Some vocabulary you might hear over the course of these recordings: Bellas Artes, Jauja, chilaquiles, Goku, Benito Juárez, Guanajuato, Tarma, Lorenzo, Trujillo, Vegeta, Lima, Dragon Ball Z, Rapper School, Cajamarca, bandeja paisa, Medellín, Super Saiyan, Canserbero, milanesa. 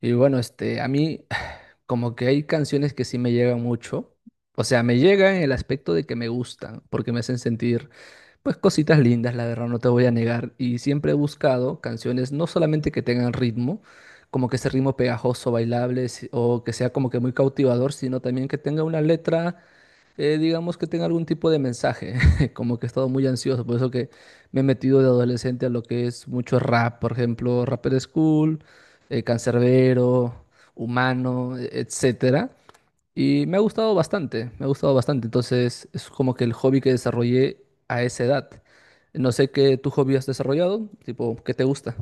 Y bueno, este, a mí como que hay canciones que sí me llegan mucho. O sea, me llegan en el aspecto de que me gustan, porque me hacen sentir, pues, cositas lindas, la verdad, no te voy a negar. Y siempre he buscado canciones no solamente que tengan ritmo, como que ese ritmo pegajoso, bailable, o que sea como que muy cautivador, sino también que tenga una letra digamos que tenga algún tipo de mensaje, como que he estado muy ansioso, por eso que me he metido de adolescente a lo que es mucho rap, por ejemplo, Rapper School, Canserbero, Humano, etcétera, y me ha gustado bastante, me ha gustado bastante, entonces es como que el hobby que desarrollé a esa edad. No sé qué tu hobby has desarrollado, tipo, ¿qué te gusta?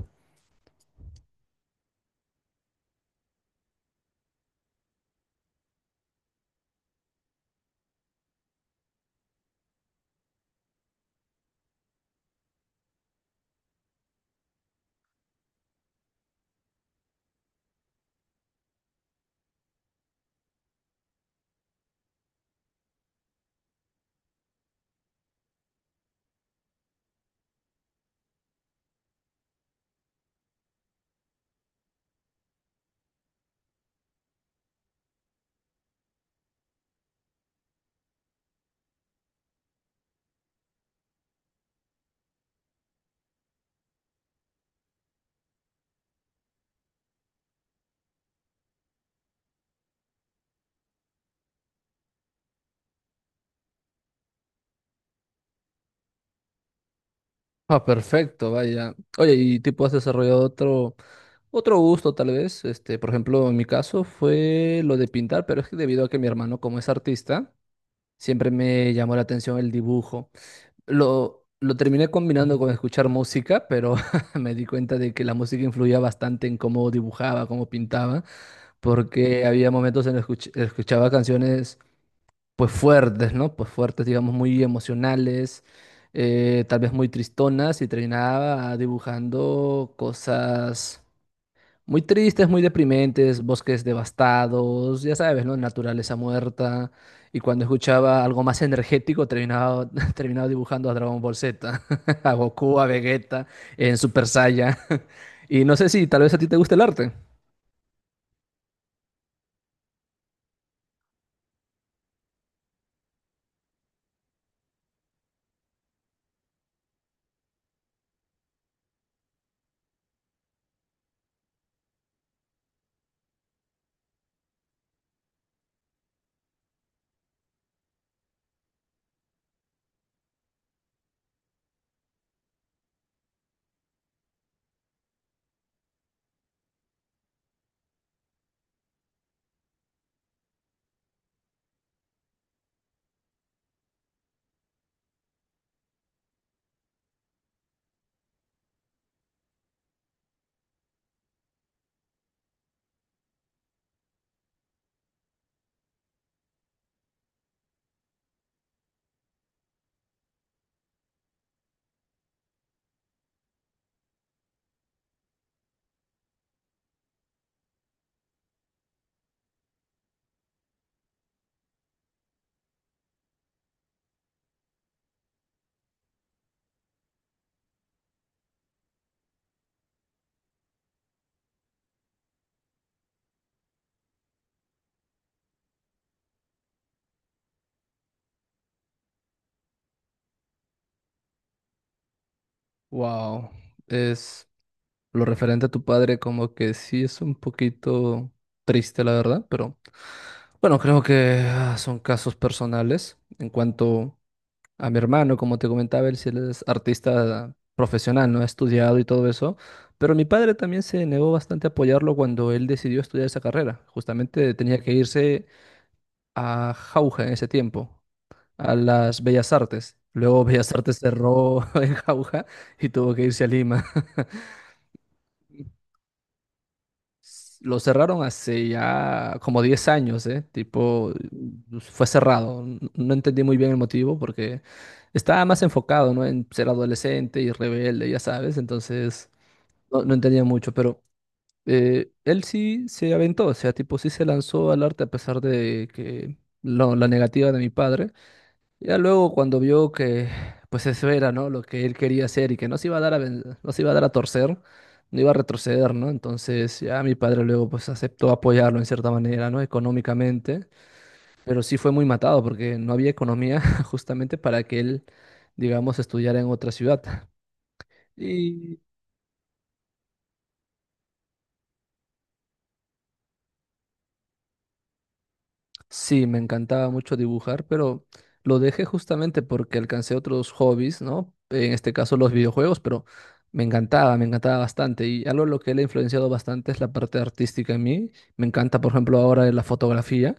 Ah, perfecto, vaya. Oye, y tipo has desarrollado otro, otro gusto tal vez. Este, por ejemplo, en mi caso fue lo de pintar, pero es que debido a que mi hermano, como es artista, siempre me llamó la atención el dibujo. Lo terminé combinando con escuchar música, pero me di cuenta de que la música influía bastante en cómo dibujaba, cómo pintaba, porque había momentos en los que escuchaba canciones pues fuertes, ¿no? Pues fuertes, digamos, muy emocionales, tal vez muy tristonas y terminaba dibujando cosas muy tristes, muy deprimentes, bosques devastados, ya sabes, ¿no? Naturaleza muerta. Y cuando escuchaba algo más energético, terminaba dibujando a Dragon Ball Z, a Goku, a Vegeta, en Super Saiyan. Y no sé si tal vez a ti te gusta el arte. Wow, es... Lo referente a tu padre, como que sí es un poquito triste, la verdad, pero bueno, creo que son casos personales. En cuanto a mi hermano, como te comentaba, él sí es artista profesional, ¿no? Ha estudiado y todo eso, pero mi padre también se negó bastante a apoyarlo cuando él decidió estudiar esa carrera. Justamente tenía que irse a Jauja en ese tiempo, a las Bellas Artes. Luego Bellas Artes cerró en Jauja y tuvo que irse a Lima. Lo cerraron hace ya como 10 años, ¿eh? Tipo, pues, fue cerrado. No entendí muy bien el motivo porque estaba más enfocado, ¿no? En ser adolescente y rebelde, ya sabes. Entonces, no entendía mucho, pero él sí se aventó, o sea, tipo, sí se lanzó al arte a pesar de que la negativa de mi padre. Ya luego cuando vio que pues eso era, ¿no? Lo que él quería hacer y que no se iba a dar a, no se iba a dar a torcer, no iba a retroceder, ¿no? Entonces ya mi padre luego pues aceptó apoyarlo en cierta manera, ¿no? Económicamente, pero sí fue muy matado porque no había economía justamente para que él, digamos, estudiara en otra ciudad. Y sí, me encantaba mucho dibujar, pero lo dejé justamente porque alcancé otros hobbies, ¿no? En este caso los videojuegos, pero me encantaba bastante. Y algo en lo que él ha influenciado bastante es la parte artística en mí. Me encanta, por ejemplo, ahora la fotografía,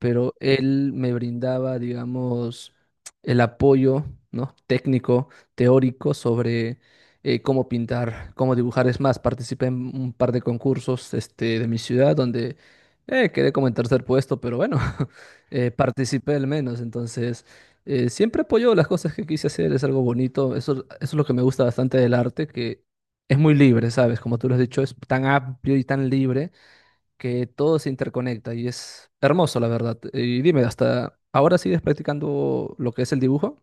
pero él me brindaba, digamos, el apoyo, ¿no? Técnico, teórico sobre cómo pintar, cómo dibujar. Es más, participé en un par de concursos, este, de mi ciudad donde quedé como en tercer puesto, pero bueno, participé al menos. Entonces, siempre apoyo las cosas que quise hacer, es algo bonito. Eso es lo que me gusta bastante del arte, que es muy libre, ¿sabes? Como tú lo has dicho, es tan amplio y tan libre que todo se interconecta y es hermoso, la verdad. Y dime, ¿hasta ahora sigues practicando lo que es el dibujo?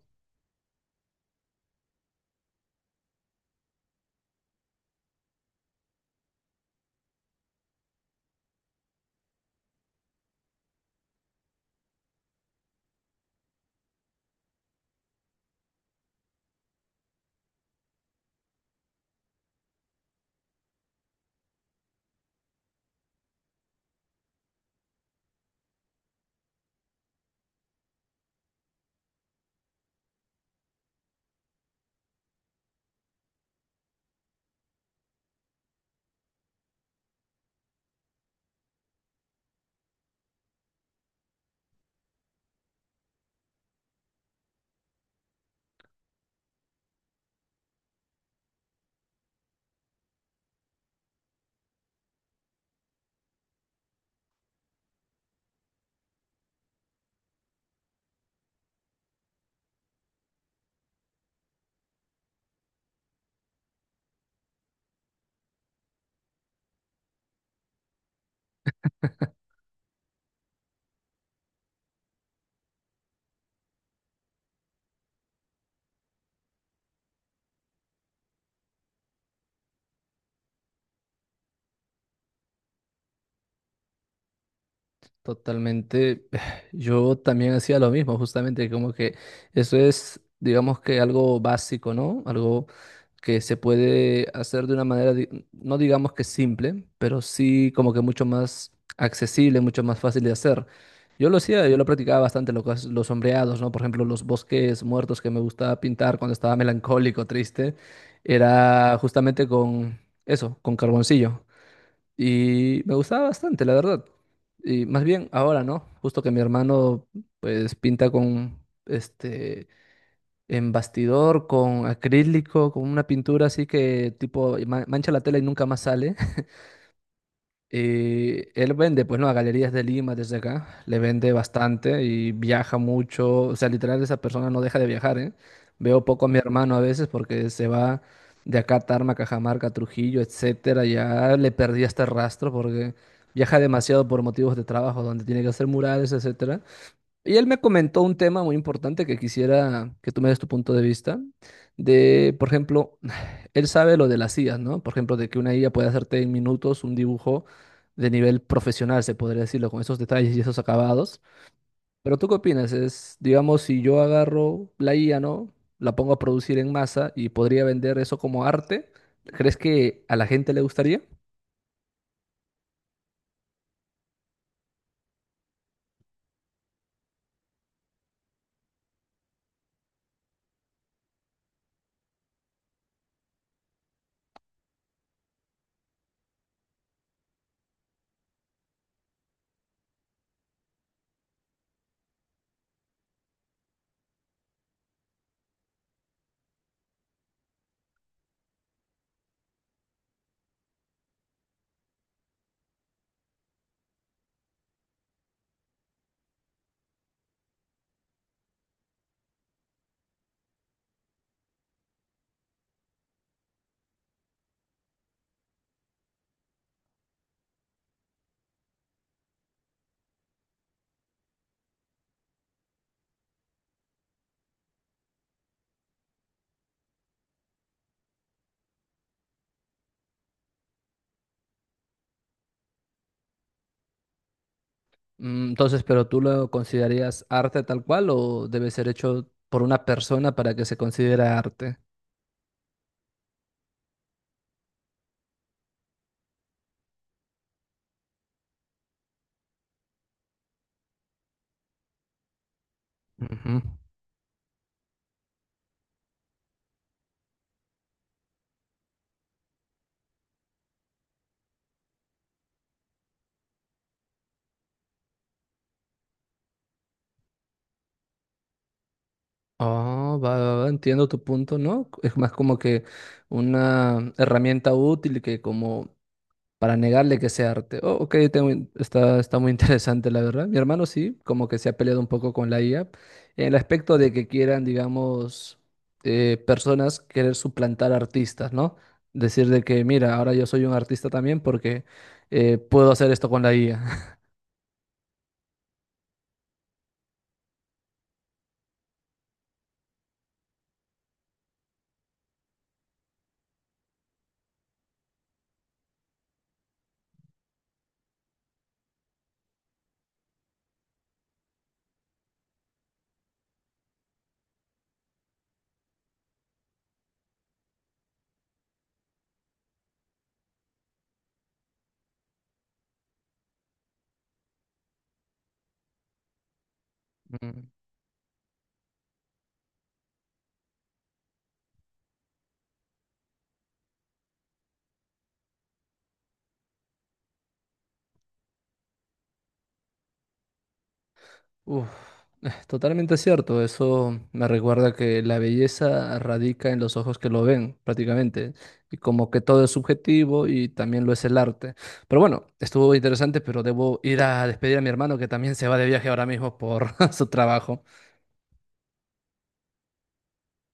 Totalmente. Yo también hacía lo mismo, justamente, como que eso es, digamos que algo básico, ¿no? Algo que se puede hacer de una manera, no digamos que simple, pero sí como que mucho más accesible, mucho más fácil de hacer. Yo lo hacía, yo lo practicaba bastante, lo que es los sombreados, ¿no? Por ejemplo, los bosques muertos que me gustaba pintar cuando estaba melancólico, triste, era justamente con eso, con carboncillo. Y me gustaba bastante, la verdad. Y más bien ahora, ¿no? Justo que mi hermano pues pinta con este en bastidor, con acrílico, con una pintura así que tipo mancha la tela y nunca más sale. Y él vende, pues no, a galerías de Lima desde acá, le vende bastante y viaja mucho, o sea, literal esa persona no deja de viajar, ¿eh? Veo poco a mi hermano a veces porque se va de acá a Tarma, Cajamarca, Trujillo, etcétera, ya le perdí este rastro porque viaja demasiado por motivos de trabajo, donde tiene que hacer murales, etcétera. Y él me comentó un tema muy importante que quisiera que tú me des tu punto de vista, de, por ejemplo, él sabe lo de las IAs, ¿no? Por ejemplo, de que una IA puede hacerte en minutos un dibujo de nivel profesional, se podría decirlo, con esos detalles y esos acabados. Pero ¿tú qué opinas? Es, digamos, si yo agarro la IA, ¿no? La pongo a producir en masa y podría vender eso como arte, ¿crees que a la gente le gustaría? Mm, entonces, ¿pero tú lo considerarías arte tal cual o debe ser hecho por una persona para que se considere arte? Ujú. Oh, va, va, va, entiendo tu punto, ¿no? Es más como que una herramienta útil que como para negarle que sea arte. Oh, ok, tengo está, está muy interesante, la verdad. Mi hermano sí, como que se ha peleado un poco con la IA, en el aspecto de que quieran, digamos, personas querer suplantar artistas, ¿no? Decir de que, mira, ahora yo soy un artista también porque puedo hacer esto con la IA. Uf, totalmente cierto. Eso me recuerda que la belleza radica en los ojos que lo ven, prácticamente. Y como que todo es subjetivo y también lo es el arte. Pero bueno, estuvo interesante, pero debo ir a despedir a mi hermano que también se va de viaje ahora mismo por su trabajo.